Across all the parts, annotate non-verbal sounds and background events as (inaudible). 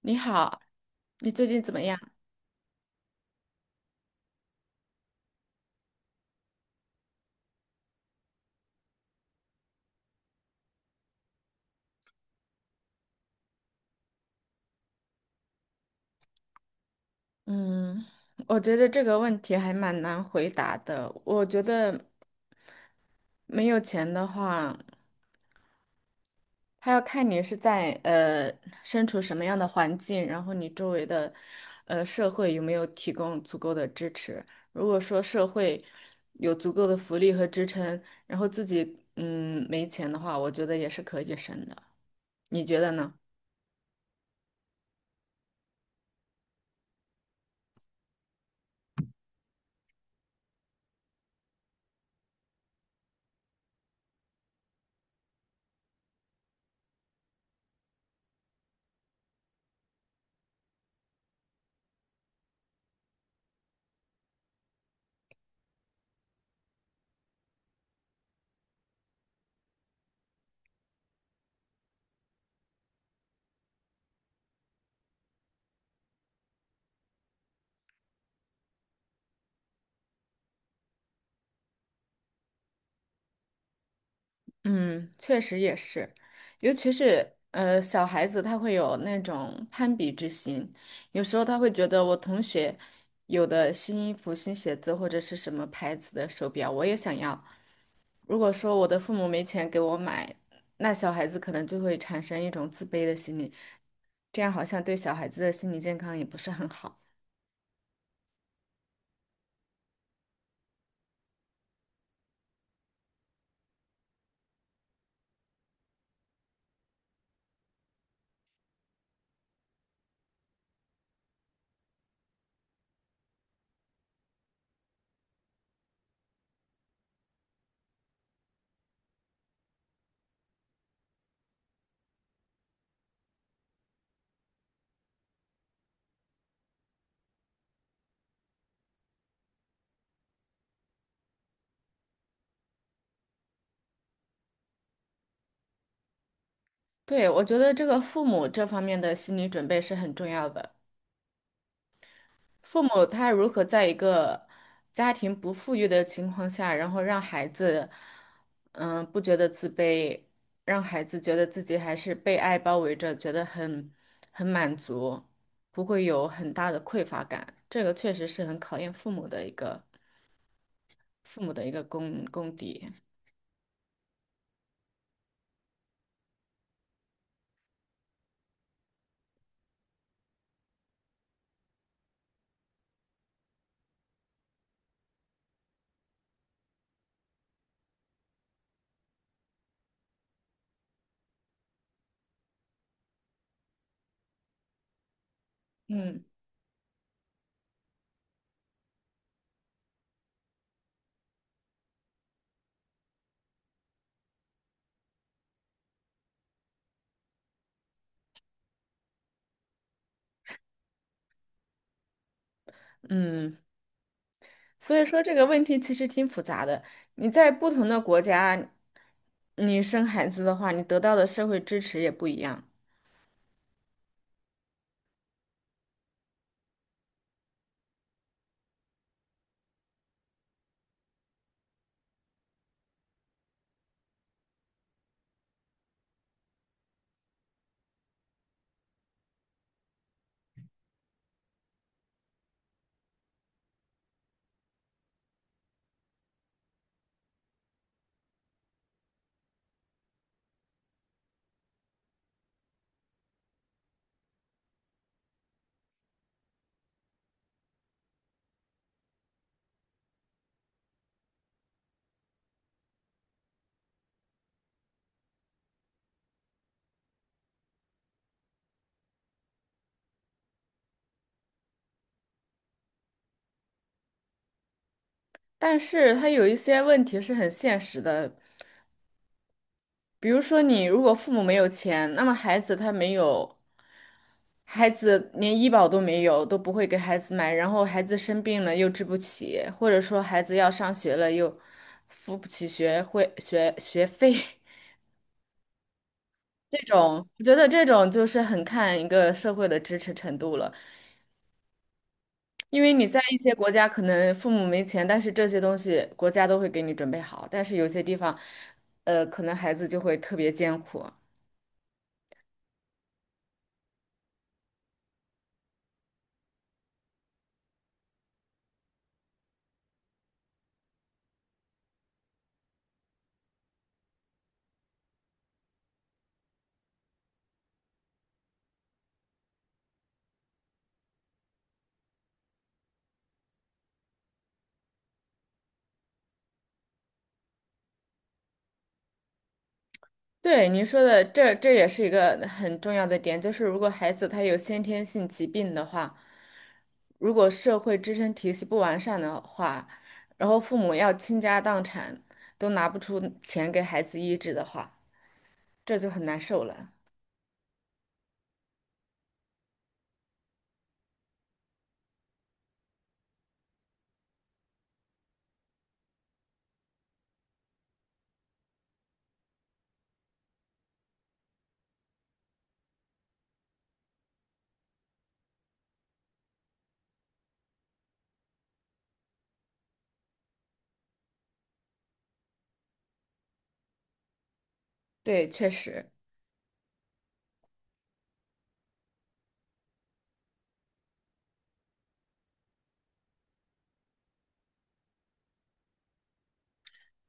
你好，你最近怎么样？嗯，我觉得这个问题还蛮难回答的。我觉得没有钱的话，他要看你是在身处什么样的环境，然后你周围的社会有没有提供足够的支持。如果说社会有足够的福利和支撑，然后自己没钱的话，我觉得也是可以生的。你觉得呢？嗯，确实也是，尤其是小孩子，他会有那种攀比之心，有时候他会觉得我同学有的新衣服、新鞋子或者是什么牌子的手表，我也想要。如果说我的父母没钱给我买，那小孩子可能就会产生一种自卑的心理，这样好像对小孩子的心理健康也不是很好。对，我觉得这个父母这方面的心理准备是很重要的。父母他如何在一个家庭不富裕的情况下，然后让孩子，嗯，不觉得自卑，让孩子觉得自己还是被爱包围着，觉得很满足，不会有很大的匮乏感。这个确实是很考验父母的一个功底。嗯嗯，所以说这个问题其实挺复杂的。你在不同的国家，你生孩子的话，你得到的社会支持也不一样。但是他有一些问题是很现实的，比如说你如果父母没有钱，那么孩子连医保都没有，都不会给孩子买，然后孩子生病了又治不起，或者说孩子要上学了又付不起学会学学费，(laughs) 这种我觉得就是很看一个社会的支持程度了，因为你在一些国家可能父母没钱，但是这些东西国家都会给你准备好，但是有些地方，可能孩子就会特别艰苦。对您说的，这也是一个很重要的点，就是如果孩子他有先天性疾病的话，如果社会支撑体系不完善的话，然后父母要倾家荡产都拿不出钱给孩子医治的话，这就很难受了。对，确实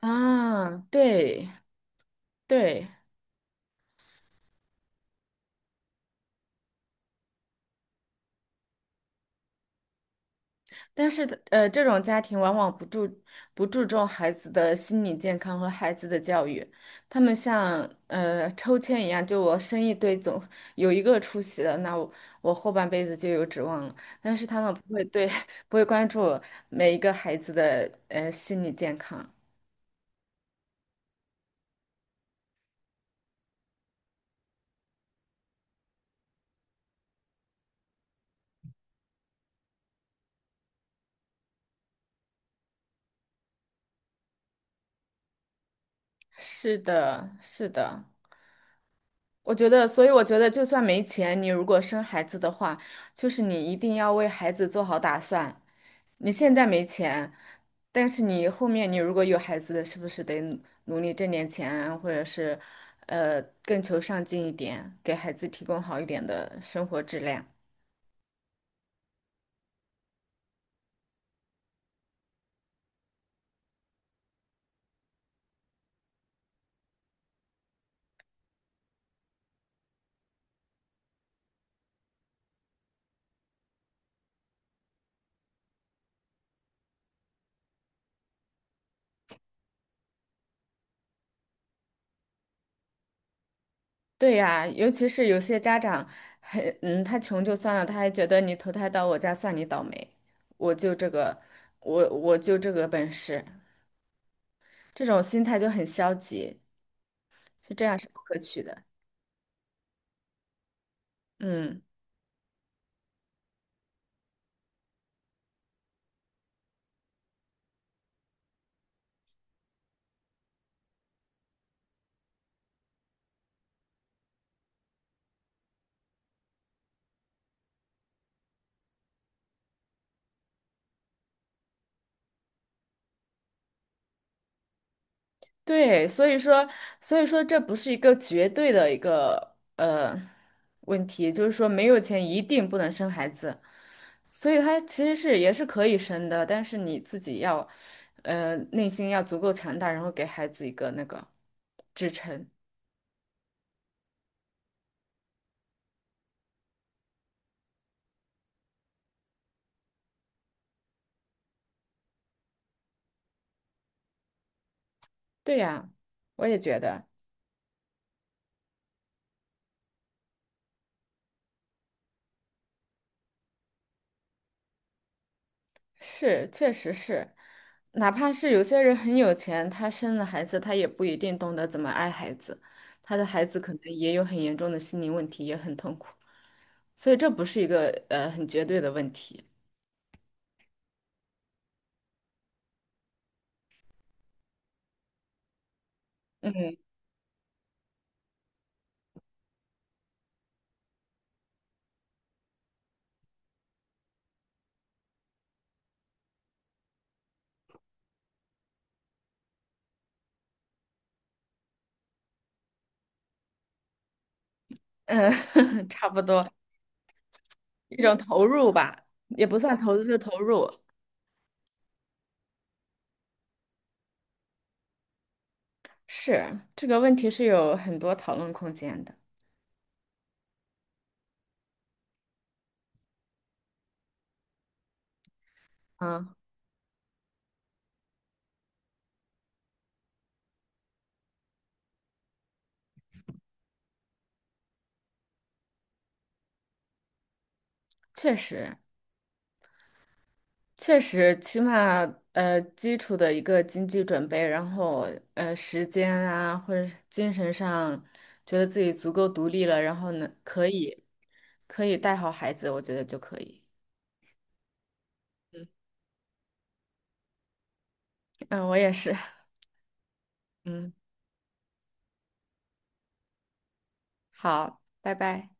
啊，对对。但是这种家庭往往不注重孩子的心理健康和孩子的教育，他们像抽签一样，就我生一堆总有一个出息了，那我后半辈子就有指望了。但是他们不会对 (laughs) 不会关注每一个孩子的心理健康。是的，是的，我觉得，所以我觉得，就算没钱，你如果生孩子的话，就是你一定要为孩子做好打算。你现在没钱，但是你后面你如果有孩子，是不是得努力挣点钱啊，或者是，更求上进一点，给孩子提供好一点的生活质量？对呀，尤其是有些家长很，嗯，他穷就算了，他还觉得你投胎到我家算你倒霉，我就这个，我就这个本事，这种心态就很消极，就这样是不可取的。嗯。对，所以说这不是一个绝对的一个问题，就是说没有钱一定不能生孩子，所以他其实是也是可以生的，但是你自己要内心要足够强大，然后给孩子一个那个支撑。对呀，我也觉得。是，确实是，哪怕是有些人很有钱，他生了孩子，他也不一定懂得怎么爱孩子，他的孩子可能也有很严重的心理问题，也很痛苦，所以这不是一个很绝对的问题。嗯嗯，(laughs) 差不多，一种投入吧，也不算投资，就投入。是，这个问题是有很多讨论空间的。嗯，确实。确实，起码基础的一个经济准备，然后时间啊或者是精神上，觉得自己足够独立了，然后呢可以带好孩子，我觉得就可以。嗯，我也是。嗯，好，拜拜。